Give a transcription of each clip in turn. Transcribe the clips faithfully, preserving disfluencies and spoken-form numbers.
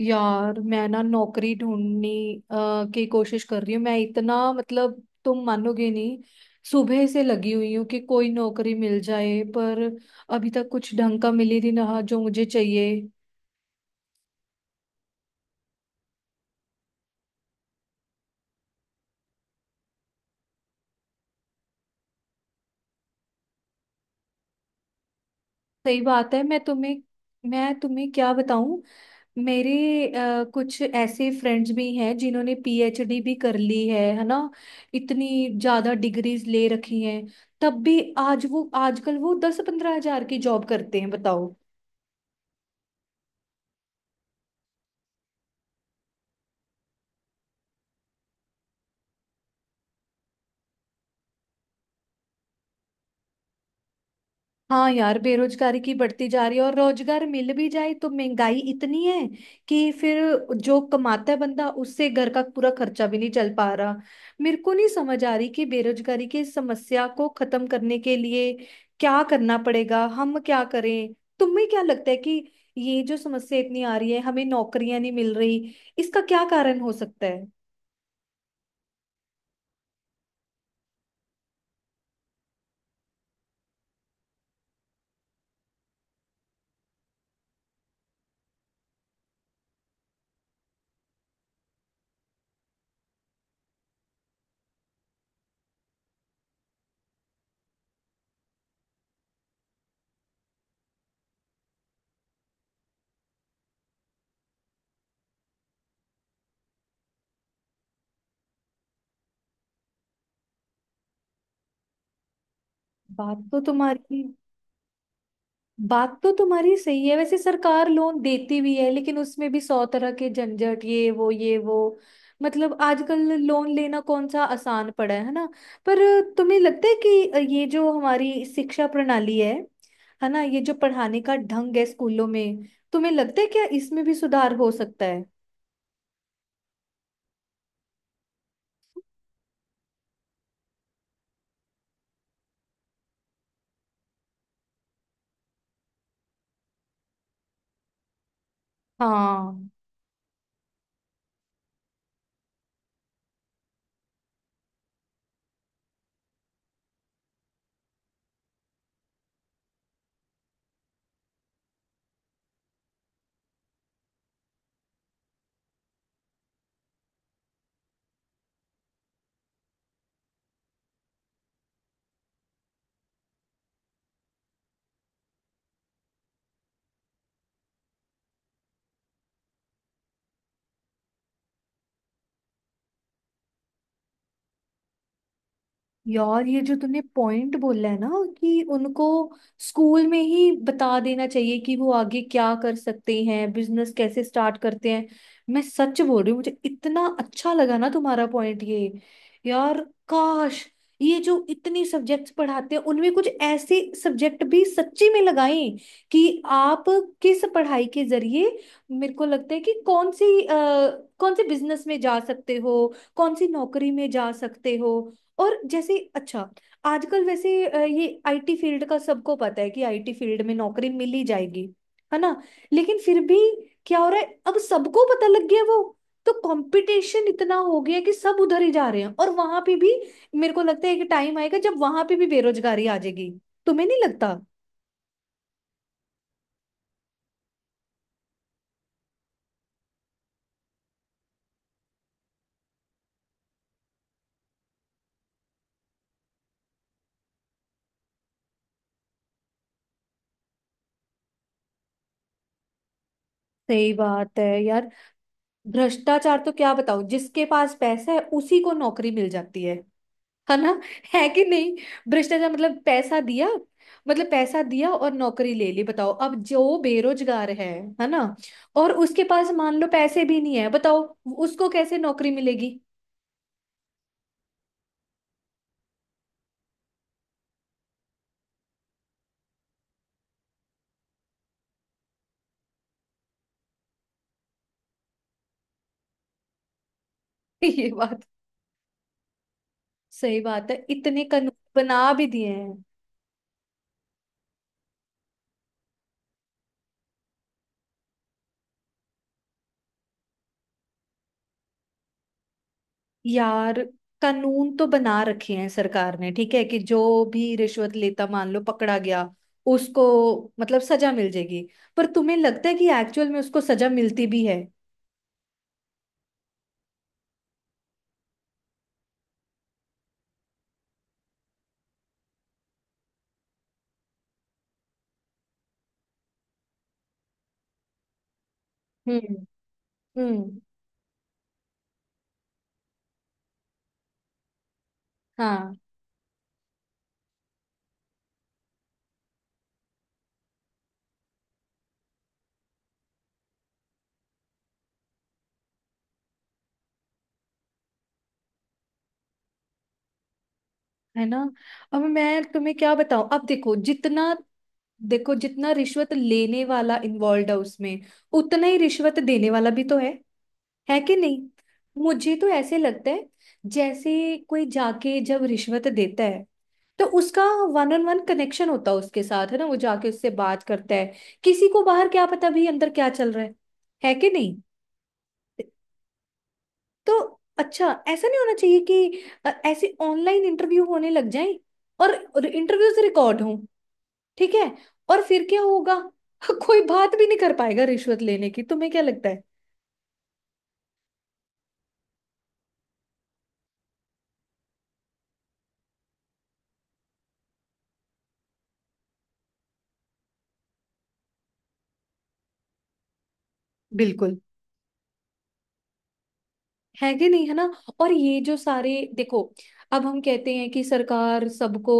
यार मैं ना नौकरी ढूंढने अ, की कोशिश कर रही हूँ। मैं इतना, मतलब तुम मानोगे नहीं। सुबह से लगी हुई हूँ कि कोई नौकरी मिल जाए, पर अभी तक कुछ ढंग का मिल ही नहीं रहा जो मुझे चाहिए। सही बात है। मैं तुम्हें मैं तुम्हें क्या बताऊं। मेरे अ, कुछ ऐसे फ्रेंड्स भी हैं जिन्होंने पीएचडी भी कर ली है है ना। इतनी ज्यादा डिग्रीज ले रखी हैं। तब भी आज वो आजकल वो दस पंद्रह हजार की जॉब करते हैं, बताओ। हाँ यार बेरोजगारी की बढ़ती जा रही है और रोजगार मिल भी जाए तो महंगाई इतनी है कि फिर जो कमाता है बंदा, उससे घर का पूरा खर्चा भी नहीं चल पा रहा। मेरे को नहीं समझ आ रही कि बेरोजगारी की इस समस्या को खत्म करने के लिए क्या करना पड़ेगा, हम क्या करें। तुम्हें क्या लगता है कि ये जो समस्या इतनी आ रही है, हमें नौकरियां नहीं मिल रही, इसका क्या कारण हो सकता है? बात तो तुम्हारी बात तो तुम्हारी सही है। वैसे सरकार लोन देती भी है, लेकिन उसमें भी सौ तरह के झंझट, ये वो ये वो। मतलब आजकल लोन लेना कौन सा आसान पड़ा है है ना। पर तुम्हें लगता है कि ये जो हमारी शिक्षा प्रणाली है है ना, ये जो पढ़ाने का ढंग है स्कूलों में, तुम्हें लगता है क्या इसमें भी सुधार हो सकता है? हाँ यार, ये जो तूने पॉइंट बोला है ना, कि उनको स्कूल में ही बता देना चाहिए कि वो आगे क्या कर सकते हैं, बिजनेस कैसे स्टार्ट करते हैं। मैं सच बोल रही हूँ, मुझे इतना अच्छा लगा ना तुम्हारा पॉइंट ये। यार काश ये जो इतनी सब्जेक्ट्स पढ़ाते हैं उनमें कुछ ऐसे सब्जेक्ट भी सच्ची में लगाएं कि आप किस पढ़ाई के जरिए, मेरे को लगता है कि कौन सी अ, कौन से बिजनेस में जा सकते हो, कौन सी नौकरी में जा सकते हो। और जैसे अच्छा, आजकल वैसे अ, ये आईटी फील्ड का सबको पता है कि आईटी फील्ड में नौकरी मिल ही जाएगी, है ना। लेकिन फिर भी क्या हो रहा है, अब सबको पता लग गया, वो तो कंपटीशन इतना हो गया कि सब उधर ही जा रहे हैं, और वहां पे भी मेरे को लगता है कि टाइम आएगा जब वहां पे भी बेरोजगारी आ जाएगी। तुम्हें नहीं लगता? सही बात है यार। भ्रष्टाचार तो क्या बताऊं, जिसके पास पैसा है उसी को नौकरी मिल जाती है है ना, है कि नहीं। भ्रष्टाचार मतलब पैसा दिया, मतलब पैसा दिया और नौकरी ले ली, बताओ। अब जो बेरोजगार है है ना, और उसके पास मान लो पैसे भी नहीं है, बताओ, उसको कैसे नौकरी मिलेगी? ये बात, सही बात है, इतने कानून बना भी दिए हैं। यार कानून तो बना रखे हैं सरकार ने, ठीक है कि जो भी रिश्वत लेता मान लो पकड़ा गया, उसको मतलब सजा मिल जाएगी। पर तुम्हें लगता है कि एक्चुअल में उसको सजा मिलती भी है? हम्म। हम्म। हाँ। है ना। अब मैं तुम्हें क्या बताऊं, अब देखो जितना देखो जितना रिश्वत लेने वाला इन्वॉल्व है उसमें, उतना ही रिश्वत देने वाला भी तो है है कि नहीं। मुझे तो ऐसे लगता है जैसे कोई जाके जब रिश्वत देता है, तो उसका वन ऑन वन कनेक्शन होता है उसके साथ, है ना, वो जाके उससे बात करता है, किसी को बाहर क्या पता भी अंदर क्या चल रहा है है कि नहीं। तो अच्छा, ऐसा नहीं होना चाहिए कि अ, ऐसे ऑनलाइन इंटरव्यू होने लग जाए, और इंटरव्यूज रिकॉर्ड हों, ठीक है, और फिर क्या होगा? कोई बात भी नहीं कर पाएगा रिश्वत लेने की, तुम्हें क्या लगता है। बिल्कुल। है कि नहीं, है ना। और ये जो सारे देखो, अब हम कहते हैं कि सरकार सबको,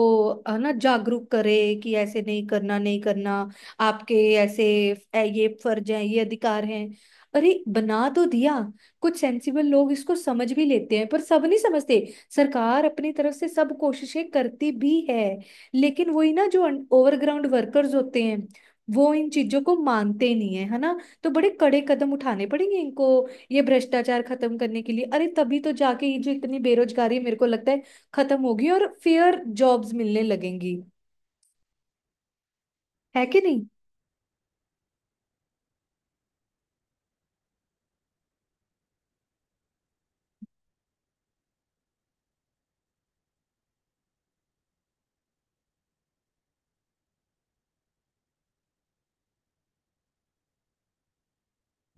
है ना, जागरूक करे कि ऐसे नहीं करना, नहीं करना, आपके ऐसे ए- ये फर्ज हैं, ये अधिकार हैं। अरे बना तो दिया, कुछ सेंसिबल लोग इसको समझ भी लेते हैं पर सब नहीं समझते। सरकार अपनी तरफ से सब कोशिशें करती भी है, लेकिन वही ना, जो ओवरग्राउंड वर्कर्स होते हैं वो इन चीजों को मानते नहीं है, है ना। तो बड़े कड़े कदम उठाने पड़ेंगे इनको, ये भ्रष्टाचार खत्म करने के लिए। अरे तभी तो जाके ये जो इतनी बेरोजगारी, मेरे को लगता है, खत्म होगी और फेयर जॉब्स मिलने लगेंगी, है कि नहीं।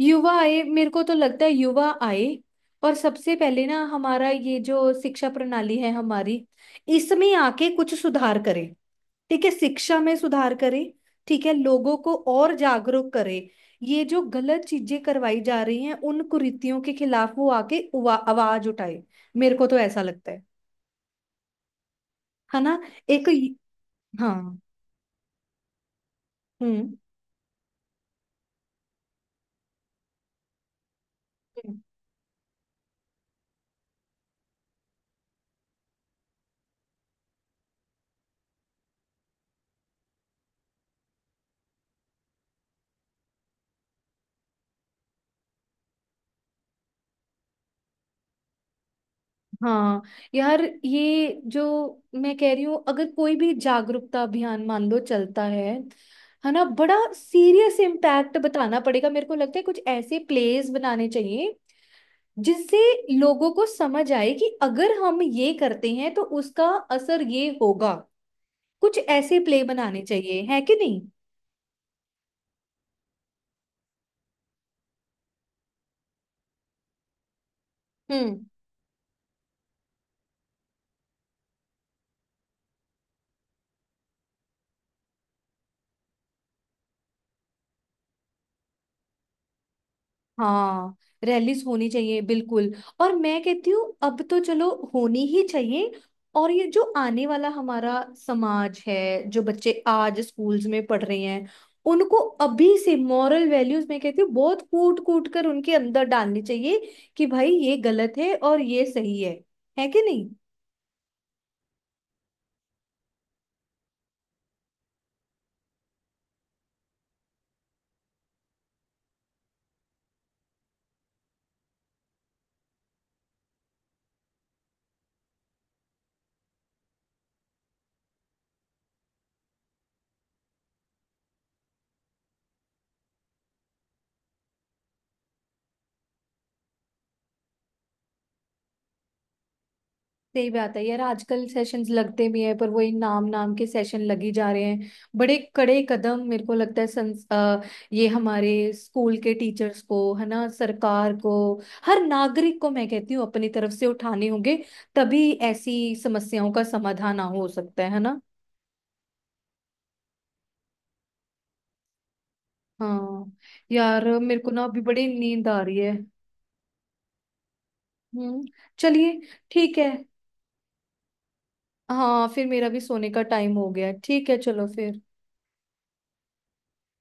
युवा आए, मेरे को तो लगता है युवा आए, और सबसे पहले ना हमारा ये जो शिक्षा प्रणाली है हमारी, इसमें आके कुछ सुधार करे। ठीक है, शिक्षा में सुधार करे, ठीक है, लोगों को और जागरूक करे। ये जो गलत चीजें करवाई जा रही हैं, उन कुरीतियों के खिलाफ वो आके उवा- आवाज उठाए। मेरे को तो ऐसा लगता है है ना। एक हाँ। हम्म। हम्म। हाँ यार, ये जो मैं कह रही हूँ, अगर कोई भी जागरूकता अभियान मान लो चलता है है ना, बड़ा सीरियस इम्पैक्ट बताना पड़ेगा, मेरे को लगता है कुछ ऐसे प्लेस बनाने चाहिए जिससे लोगों को समझ आए कि अगर हम ये करते हैं तो उसका असर ये होगा। कुछ ऐसे प्ले बनाने चाहिए, है कि नहीं। हम्म। हाँ। रैलीस होनी चाहिए, बिल्कुल। और मैं कहती हूँ, अब तो चलो होनी ही चाहिए। और ये जो आने वाला हमारा समाज है, जो बच्चे आज स्कूल्स में पढ़ रहे हैं, उनको अभी से मॉरल वैल्यूज, मैं कहती हूँ, बहुत कूट कूट कर उनके अंदर डालनी चाहिए कि भाई ये गलत है और ये सही है है कि नहीं। सही बात है यार, आजकल सेशंस लगते भी हैं पर वही नाम नाम के सेशन लगी जा रहे हैं। बड़े कड़े कदम, मेरे को लगता है, संस, अ, ये हमारे स्कूल के टीचर्स को, है ना, सरकार को, हर नागरिक को, मैं कहती हूँ, अपनी तरफ से उठाने होंगे। तभी ऐसी समस्याओं का समाधान आ- हो सकता है है ना। हाँ यार, मेरे को ना अभी बड़ी नींद आ रही है। हम्म। चलिए। ठीक है। हाँ फिर मेरा भी सोने का टाइम हो गया है। ठीक है, चलो फिर।